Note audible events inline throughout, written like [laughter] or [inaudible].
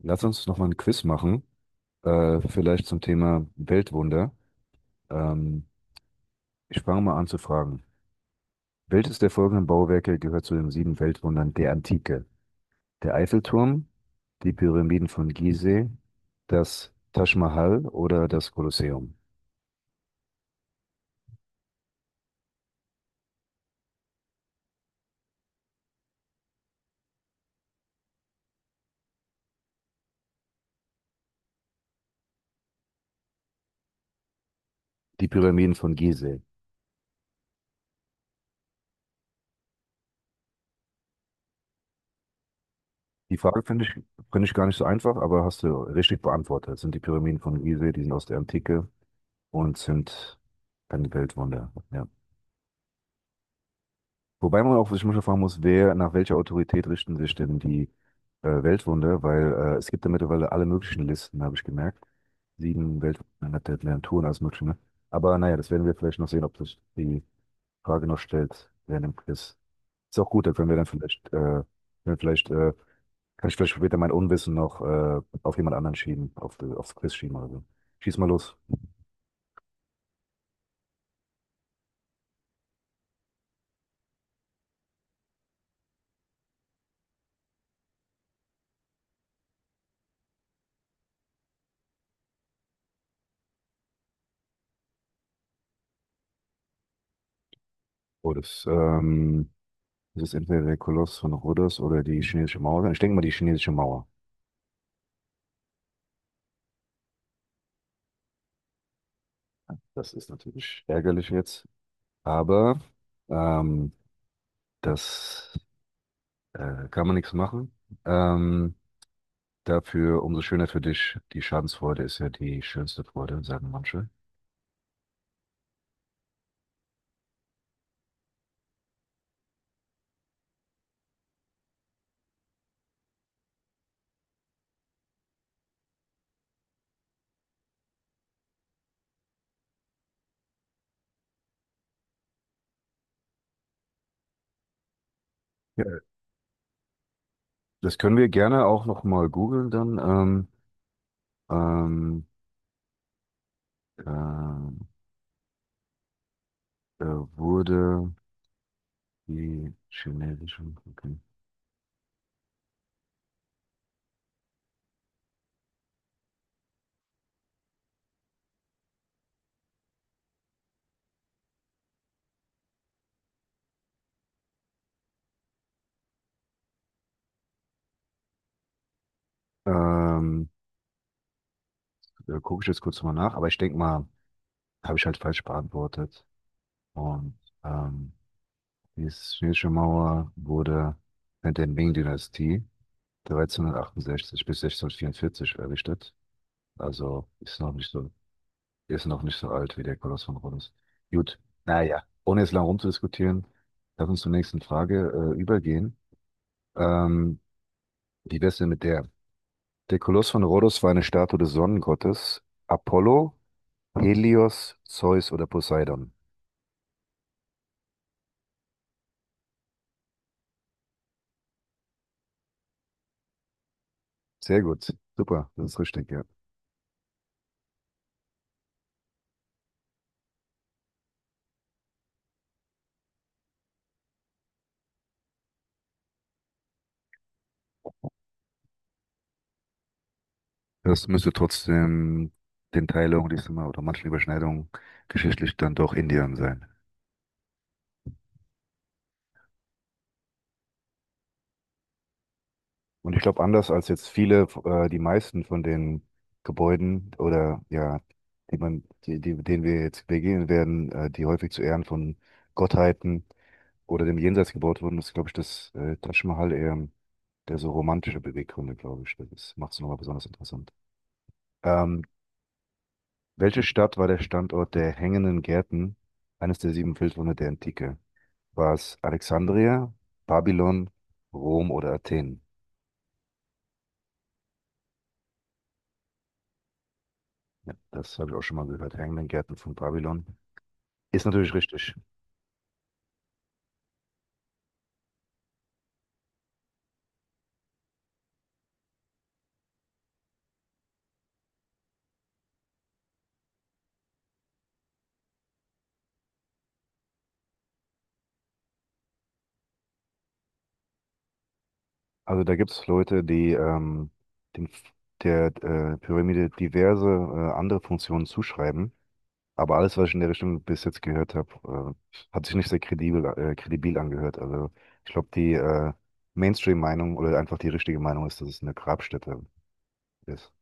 Lass uns noch mal ein Quiz machen, vielleicht zum Thema Weltwunder. Ähm, ich fange mal an zu fragen. Welches der folgenden Bauwerke gehört zu den sieben Weltwundern der Antike? Der Eiffelturm, die Pyramiden von Gizeh, das Taj Mahal oder das Kolosseum? Die Pyramiden von Gizeh. Die Frage finde ich gar nicht so einfach, aber hast du richtig beantwortet. Das sind die Pyramiden von Gizeh, die sind aus der Antike und sind ein Weltwunder. Ja. Wobei man auch sich manchmal fragen muss, wer, nach welcher Autorität richten sich denn die Weltwunder? Weil es gibt da mittlerweile alle möglichen Listen, habe ich gemerkt. Sieben Weltwunder hat der mehr Touren als mögliche. Ne? Aber naja, das werden wir vielleicht noch sehen, ob sich die Frage noch stellt während dem Quiz. Ist auch gut, da können wir dann vielleicht, können wir vielleicht kann ich vielleicht später mein Unwissen noch auf jemand anderen schieben, auf, aufs Quiz schieben oder so. Schieß mal los. Oh, das ist entweder der Koloss von Rhodos oder die chinesische Mauer. Ich denke mal die chinesische Mauer. Das ist natürlich ärgerlich jetzt, aber ähm, das kann man nichts machen. Ähm, dafür umso schöner für dich. Die Schadensfreude ist ja die schönste Freude, sagen manche. Ja. Das können wir gerne auch noch mal googeln dann. Ähm, ähm, äh, äh, wurde die chinesische... Okay. Ähm, gucke ich jetzt kurz mal nach, aber ich denke mal, habe ich halt falsch beantwortet und ähm, die chinesische Mauer wurde während der Ming-Dynastie 1368 bis 1644 errichtet. Also ist noch nicht so, ist noch nicht so alt wie der Koloss von Rhodos. Gut, naja, ohne jetzt lang rumzudiskutieren, lass uns zur nächsten Frage übergehen. Ähm, wie wär's denn mit der? Der Koloss von Rhodos war eine Statue des Sonnengottes Apollo, Helios, Zeus oder Poseidon. Sehr gut, super, das ist richtig, ja. Das müsste trotzdem den Teilungen, die es immer oder manchen Überschneidungen geschichtlich dann doch Indien sein. Und ich glaube, anders als jetzt viele, die meisten von den Gebäuden oder ja, die man, die, die, denen wir jetzt begegnen werden, die häufig zu Ehren von Gottheiten oder dem Jenseits gebaut wurden, ist, glaube ich, das Taj Mahal eher der so romantische Beweggründe, glaube ich. Das macht es nochmal besonders interessant. Ähm, welche Stadt war der Standort der hängenden Gärten, eines der sieben Felswunder der Antike? War es Alexandria, Babylon, Rom oder Athen? Ja, das habe ich auch schon mal gehört. Hängenden Gärten von Babylon. Ist natürlich richtig. Also da gibt es Leute, die den, der Pyramide diverse andere Funktionen zuschreiben. Aber alles, was ich in der Richtung bis jetzt gehört habe, hat sich nicht sehr kredibil angehört. Also ich glaube, die Mainstream-Meinung oder einfach die richtige Meinung ist, dass es eine Grabstätte ist.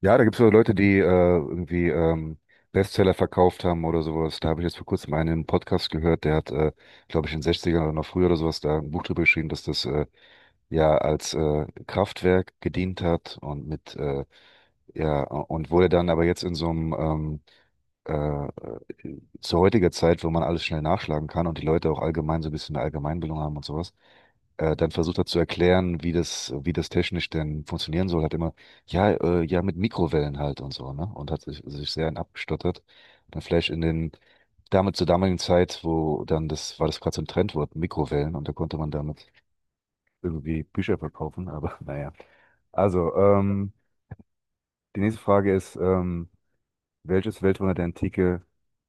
Ja, da gibt es so Leute, die irgendwie Bestseller verkauft haben oder sowas. Da habe ich jetzt vor kurzem einen im Podcast gehört, der hat, glaube ich, in den Sechzigern oder noch früher oder sowas da ein Buch drüber geschrieben, dass das ja als Kraftwerk gedient hat und mit ja und wurde dann aber jetzt in so einem äh, zu heutiger Zeit, wo man alles schnell nachschlagen kann und die Leute auch allgemein so ein bisschen eine Allgemeinbildung haben und sowas, dann versucht er zu erklären, wie das technisch denn funktionieren soll, ja, mit Mikrowellen halt und so, ne? Und hat sich sehr in abgestottert. Dann vielleicht in den, damit zur damaligen Zeit, war das gerade so ein Trendwort, Mikrowellen, und da konnte man damit irgendwie Bücher verkaufen, aber [laughs] naja. Also, die nächste Frage ist, welches Weltwunder der Antike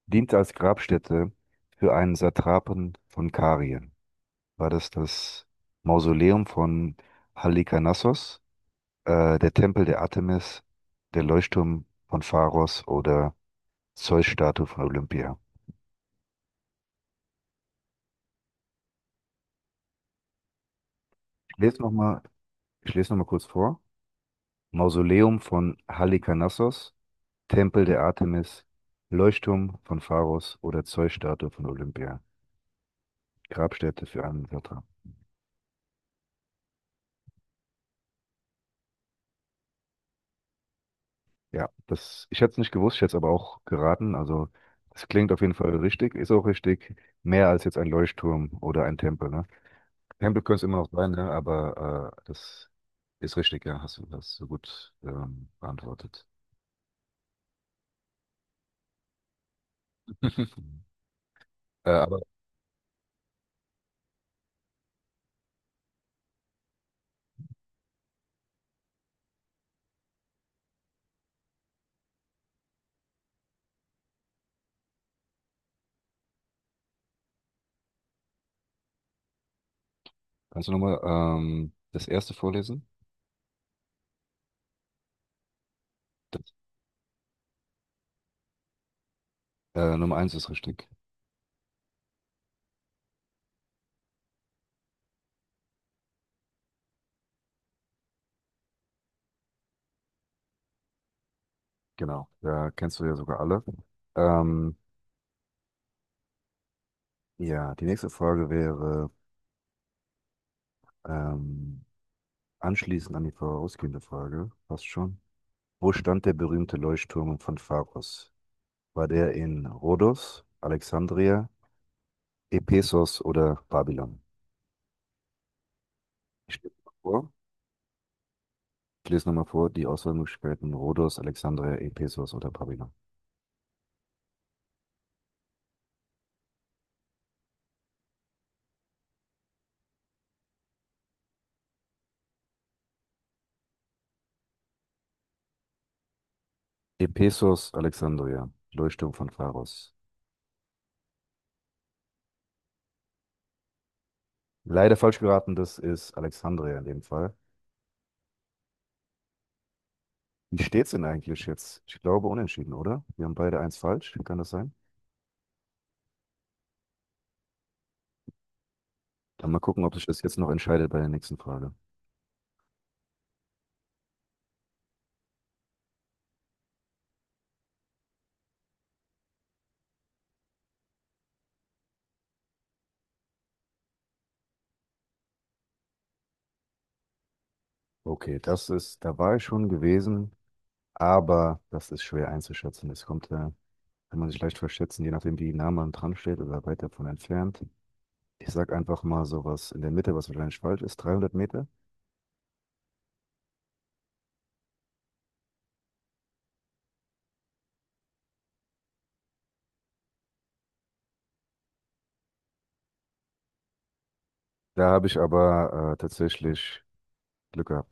diente als Grabstätte für einen Satrapen von Karien? War das das Mausoleum von Halikarnassos, der Tempel der Artemis, der Leuchtturm von Pharos oder Zeus-Statue von Olympia? Ich lese nochmal, ich lese noch mal kurz vor. Mausoleum von Halikarnassos, Tempel der Artemis, Leuchtturm von Pharos oder Zeus-Statue von Olympia. Grabstätte für einen Satrapen. Ja, das, ich hätte es nicht gewusst, ich hätte es aber auch geraten. Also, es klingt auf jeden Fall richtig, ist auch richtig. Mehr als jetzt ein Leuchtturm oder ein Tempel, ne? Tempel könnte es immer noch sein, ne? Aber das ist richtig, ja, hast du das so gut beantwortet. [laughs] Aber kannst du nochmal das erste vorlesen? Das, Nummer eins ist richtig. Genau, da kennst du ja sogar alle. Ähm, ja, die nächste Frage wäre ähm, anschließend an die vorausgehende Frage, fast schon. Wo stand der berühmte Leuchtturm von Pharos? War der in Rhodos, Alexandria, Ephesos oder Babylon? Ich lese nochmal vor. Ich lese nochmal vor die Auswahlmöglichkeiten Rhodos, Alexandria, Ephesos oder Babylon. Ephesos, Alexandria, Leuchtturm von Pharos. Leider falsch geraten, das ist Alexandria in dem Fall. Wie steht's denn eigentlich jetzt? Ich glaube unentschieden, oder? Wir haben beide eins falsch, kann das sein? Dann mal gucken, ob sich das jetzt noch entscheidet bei der nächsten Frage. Okay, das ist, da war ich schon gewesen. Aber das ist schwer einzuschätzen. Es kommt, kann man sich leicht verschätzen, je nachdem, wie nah man dran steht oder weit davon entfernt. Ich sag einfach mal sowas in der Mitte, was wahrscheinlich falsch ist, 300 Meter. Da habe ich aber tatsächlich Glück gehabt.